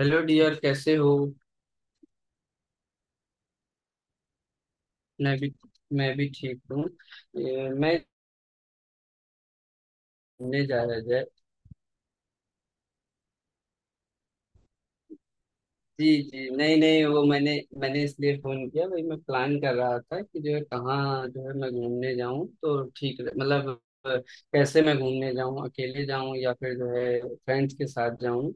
Hello dear कैसे हो। मैं भी मैं भी ठीक हूँ। मैं घूमने जा रहा था। जी जी, नहीं नहीं, वो मैंने मैंने इसलिए फोन किया भाई। मैं प्लान कर रहा था कि जो है कहाँ जो है मैं घूमने जाऊँ तो ठीक मतलब अ, कैसे मैं घूमने जाऊँ, अकेले जाऊँ या फिर जो है फ्रेंड्स के साथ जाऊँ।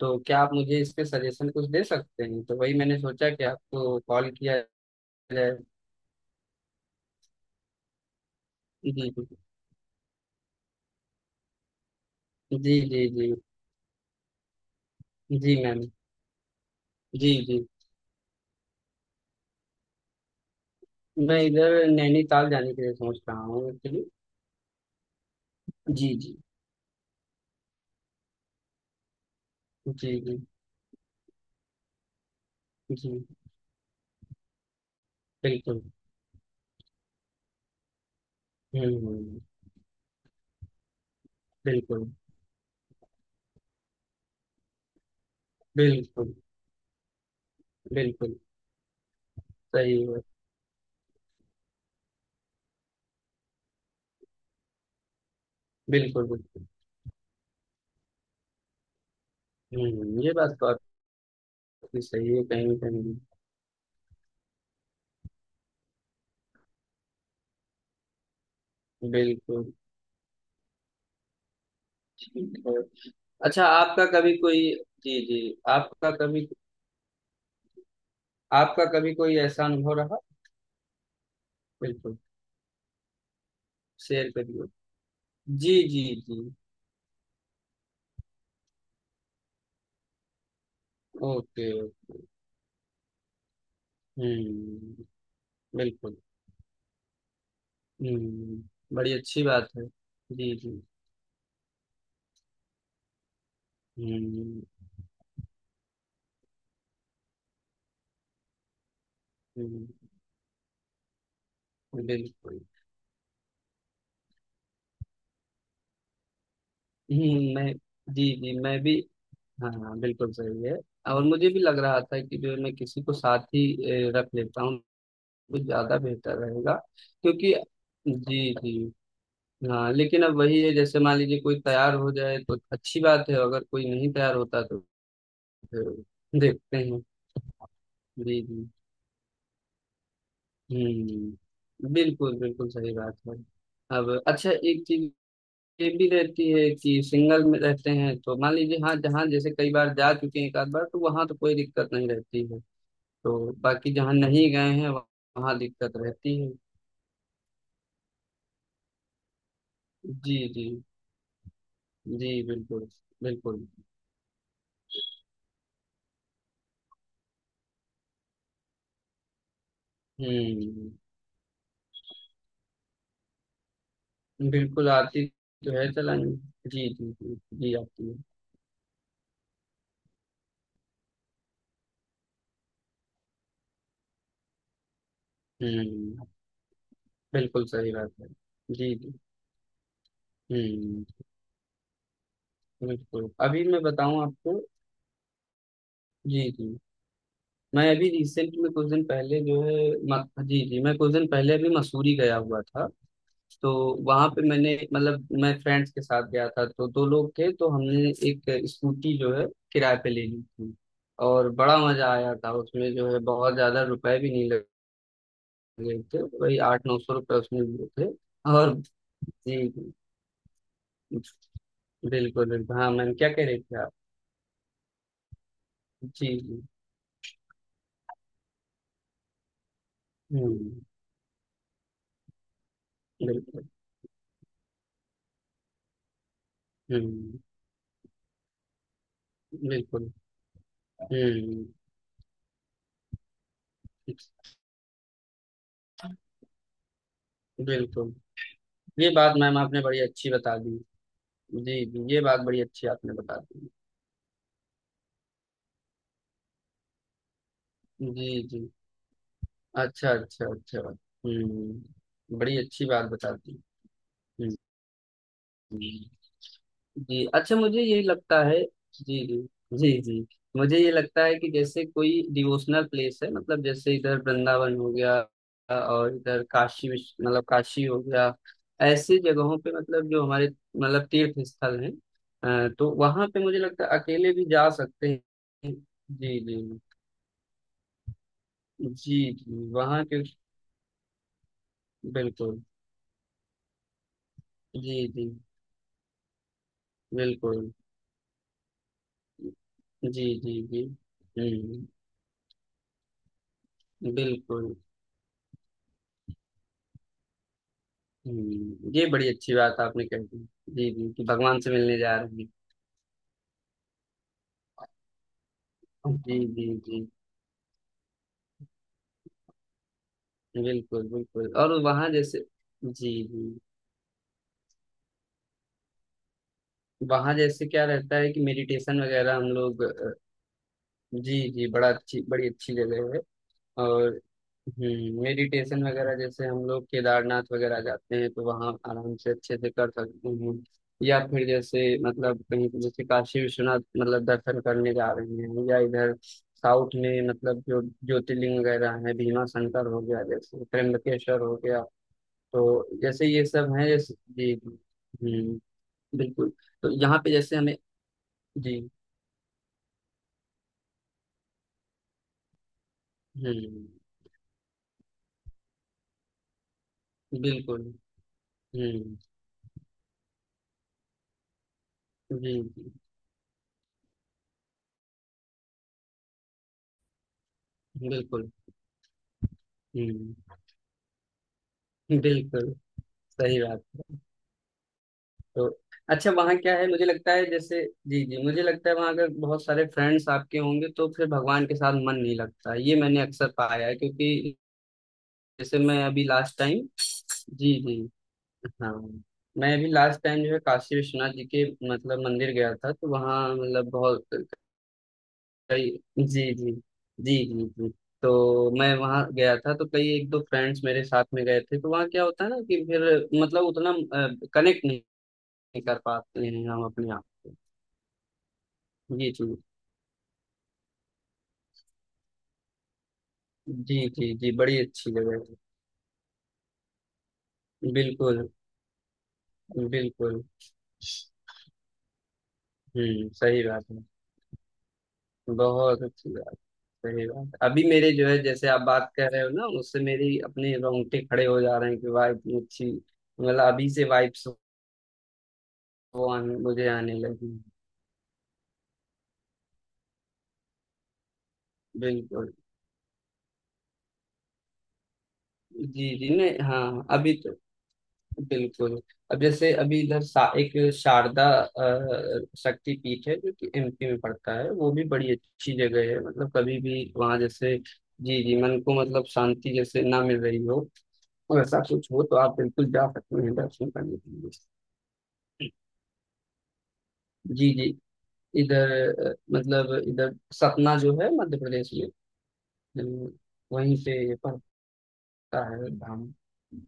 तो क्या आप मुझे इस पे सजेशन कुछ दे सकते हैं? तो वही मैंने सोचा कि आपको कॉल किया जाए। जी जी जी जी जी मैम, जी जी, मैं इधर नैनीताल जाने के लिए सोच रहा हूँ एक्चुअली। जी जी जी जी जी। बिल्कुल। हम्म। बिल्कुल बिल्कुल। बिल्कुल सही है। बिल्कुल बिल्कुल। ये बात तो आपकी सही है कहीं ना कहीं। बिल्कुल। ठीक है। अच्छा, आपका कभी कोई जी जी, आपका कभी आपका कभी कोई ऐसा अनुभव रहा? बिल्कुल शेयर करिए। जी जी जी। Okay okay. हम्म। बिल्कुल। बड़ी अच्छी बात है। जी जी। हम्म हम्म, बिल्कुल। मैं, जी जी मैं भी, हाँ हाँ बिल्कुल सही है। और मुझे भी लग रहा था कि जो है मैं किसी को साथ ही रख लेता हूँ। तो ज्यादा बेहतर रहेगा क्योंकि जी जी। हाँ लेकिन अब वही है, जैसे मान लीजिए कोई तैयार हो जाए तो अच्छी बात है, अगर कोई नहीं तैयार होता तो फिर देखते हैं। जी जी। हम्म, बिल्कुल बिल्कुल सही बात है। अब अच्छा एक चीज ये भी रहती है कि सिंगल में रहते हैं तो मान लीजिए हाँ जहाँ जैसे कई बार जा चुके हैं एक आध बार तो वहाँ तो कोई दिक्कत नहीं रहती है। तो बाकी जहाँ नहीं गए हैं वहाँ दिक्कत रहती है। जी जी जी। बिल्कुल बिल्कुल। हम्म। बिल्कुल आती तो है चलानी। जी जी जी जी आती है। हम्म। बिल्कुल सही बात है। जी जी। हम्म। बिल्कुल अभी मैं बताऊं आपको। जी जी। मैं अभी रिसेंट में कुछ दिन पहले जो है जी जी, मैं कुछ दिन पहले अभी मसूरी गया हुआ था। तो वहां पे मैंने मतलब मैं फ्रेंड्स के साथ गया था तो दो लोग थे तो हमने एक स्कूटी जो है किराए पे ले ली थी। और बड़ा मजा आया था उसमें, जो है बहुत ज्यादा रुपए भी नहीं लगे थे, वही 800-900 रुपये उसमें लिए थे। और जी जी, बिल्कुल बिल्कुल, हाँ मैम क्या कह रहे थे आप? जी जी। हम्म। बिल्कुल। हम्म। बिल्कुल। हम्म। बिल्कुल ये बात मैम आपने बड़ी अच्छी बता दी। जी जी ये बात बड़ी अच्छी आपने बता दी। जी जी। अच्छा अच्छा अच्छा, हम्म, बड़ी अच्छी बात बता दी। हम्म हम्म। जी अच्छा, मुझे ये लगता है, जी जी जी जी, मुझे ये लगता है कि जैसे कोई डिवोशनल प्लेस है, मतलब जैसे इधर वृंदावन हो गया, और इधर काशी विश्व मतलब काशी हो गया। ऐसे जगहों पे मतलब जो हमारे मतलब तीर्थ स्थल हैं, तो वहां पे मुझे लगता है अकेले भी जा सकते हैं। जी जी जी जी वहाँ के। बिल्कुल। जी जी। बिल्कुल। जी जी जी। हम्म। बिल्कुल। ये बड़ी अच्छी बात आपने कह दी। जी जी, कि भगवान से मिलने जा रहे हैं। जी जी जी। बिल्कुल बिल्कुल, और वहाँ जैसे, जी जी, वहाँ जैसे क्या रहता है कि मेडिटेशन वगैरह हम लोग जी जी, बड़ा अच्छी बड़ी अच्छी जगह है। और हम्म, मेडिटेशन वगैरह जैसे हम लोग केदारनाथ वगैरह जाते हैं तो वहाँ आराम से अच्छे से कर सकते हैं। या फिर जैसे मतलब कहीं जैसे काशी विश्वनाथ मतलब दर्शन करने जा रहे हैं, या इधर साउथ में मतलब जो ज्योतिर्लिंग वगैरह है, भीमा शंकर हो गया, जैसे त्र्यंबकेश्वर हो गया। तो जैसे ये सब है, जैसे, जी जी, हम्म, बिल्कुल। तो यहाँ पे जैसे हमें, जी, हम्म, बिल्कुल, हम्म, जी जी, बिल्कुल, हम्म, बिल्कुल सही बात है। तो अच्छा वहाँ क्या है, मुझे लगता है जैसे, जी जी, मुझे लगता है वहाँ अगर बहुत सारे फ्रेंड्स आपके होंगे तो फिर भगवान के साथ मन नहीं लगता, ये मैंने अक्सर पाया है, क्योंकि जैसे मैं अभी लास्ट टाइम, जी जी, हाँ, मैं अभी लास्ट टाइम जो है काशी विश्वनाथ जी के मतलब मंदिर गया था तो वहाँ मतलब बहुत कई जी जी जी जी जी, तो मैं वहाँ गया था तो कई एक दो फ्रेंड्स मेरे साथ में गए थे तो वहाँ क्या होता है ना कि फिर मतलब उतना कनेक्ट नहीं कर पाते हैं हम अपने आप को। जी जी जी जी जी, बड़ी अच्छी जगह थी। बिल्कुल बिल्कुल। हम्म, सही बात है। बहुत अच्छी बात। सही बात। अभी मेरे जो है जैसे आप बात कर रहे हो ना उससे मेरी अपने रोंगटे खड़े हो जा रहे हैं कि वाह, इतनी अच्छी, मतलब अभी से वाइब्स वो आने मुझे आने लगी। बिल्कुल। जी जी, नहीं हाँ अभी तो, बिल्कुल। अब जैसे अभी इधर एक शारदा शक्ति पीठ है जो कि एमपी में पड़ता है, वो भी बड़ी अच्छी जगह है। मतलब कभी भी वहां जैसे, जी जी, मन को मतलब शांति जैसे ना मिल रही हो, और ऐसा कुछ हो तो आप बिल्कुल जा सकते हैं दर्शन करने के लिए। जी जी इधर मतलब इधर सतना जो है मध्य प्रदेश में, अ, वहीं से है धाम।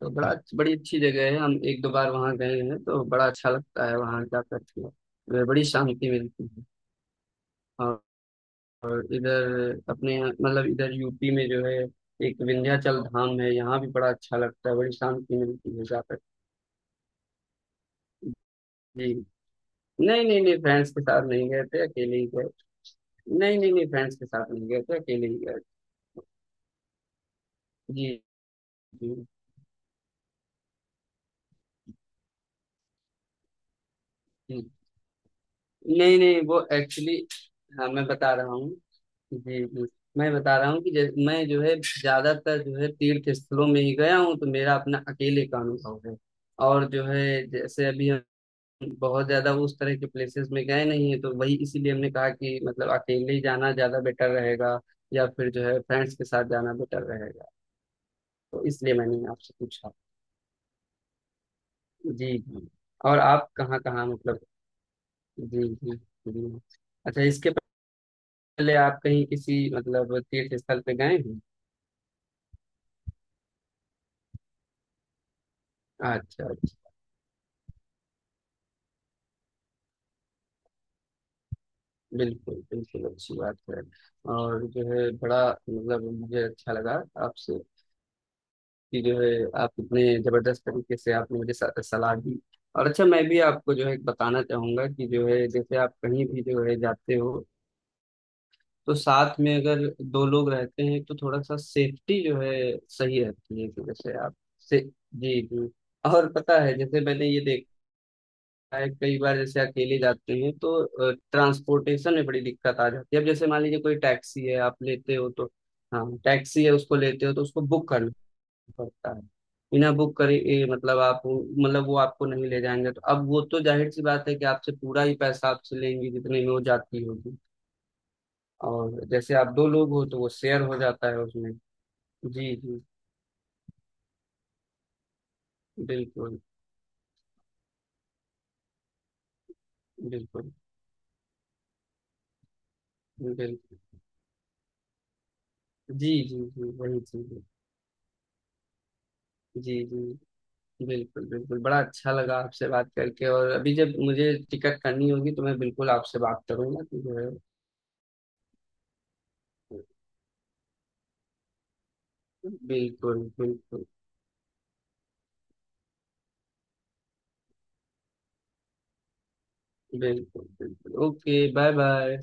तो बड़ा बड़ी अच्छी जगह है, हम एक दो बार वहाँ गए हैं तो बड़ा अच्छा लगता है वहाँ जा करके। वे बड़ी शांति मिलती है। और और इधर अपने मतलब इधर यूपी में जो है एक विंध्याचल धाम है, यहाँ भी बड़ा अच्छा लगता है, बड़ी शांति मिलती है जाकर। जी नहीं नहीं नहीं, फ्रेंड्स के साथ नहीं गए थे, अकेले ही गए। नहीं नहीं नहीं फ्रेंड्स के साथ नहीं गए थे, अकेले ही गए। जी जी जी। नहीं नहीं, वो एक्चुअली, हाँ मैं बता रहा हूँ। जी जी, मैं बता रहा हूँ कि मैं जो है ज्यादातर जो है तीर्थ स्थलों में ही गया हूँ, तो मेरा अपना अकेले का अनुभव है। और जो है जैसे अभी हम बहुत ज्यादा उस तरह के प्लेसेस में गए नहीं है, तो वही इसीलिए हमने कहा कि मतलब अकेले ही जाना ज्यादा बेटर रहेगा, या फिर जो है फ्रेंड्स के साथ जाना बेटर रहेगा। तो इसलिए मैंने आपसे पूछा। जी जी। और आप कहाँ कहाँ मतलब, जी जी जी। अच्छा इसके पहले आप कहीं किसी मतलब तीर्थ स्थल पे गए हैं? अच्छा अच्छा। बिल्कुल बिल्कुल अच्छी बात है। और जो है बड़ा मतलब मुझे अच्छा लगा आपसे कि जो है आप इतने जबरदस्त तरीके से आपने मुझे सलाह दी। और अच्छा, मैं भी आपको जो है बताना चाहूंगा कि जो है जैसे आप कहीं भी जो है जाते हो तो साथ में अगर दो लोग रहते हैं तो थोड़ा सा सेफ्टी जो है सही रहती है, कि जैसे आप से जी जी। और पता है जैसे मैंने ये देखा है कई बार जैसे अकेले जाते हैं तो ट्रांसपोर्टेशन में बड़ी दिक्कत आ जाती है। अब जैसे मान लीजिए कोई टैक्सी है आप लेते हो तो, हाँ, टैक्सी है उसको लेते हो तो उसको बुक करना पड़ता है। बिना बुक करे मतलब आप मतलब वो आपको नहीं ले जाएंगे। तो अब वो तो जाहिर सी बात है कि आपसे पूरा ही पैसा आपसे लेंगे जितने में वो जाती होगी। और जैसे आप दो लोग हो तो वो शेयर हो जाता है उसमें। जी जी। बिल्कुल बिल्कुल। बिल्कुल। जी जी जी वही चीज है। जी जी। बिल्कुल बिल्कुल, बड़ा अच्छा लगा आपसे बात करके, और अभी जब मुझे टिकट करनी होगी तो मैं बिल्कुल आपसे बात करूंगा कि जो है। बिल्कुल बिल्कुल। बिल्कुल बिल्कुल। Okay bye bye.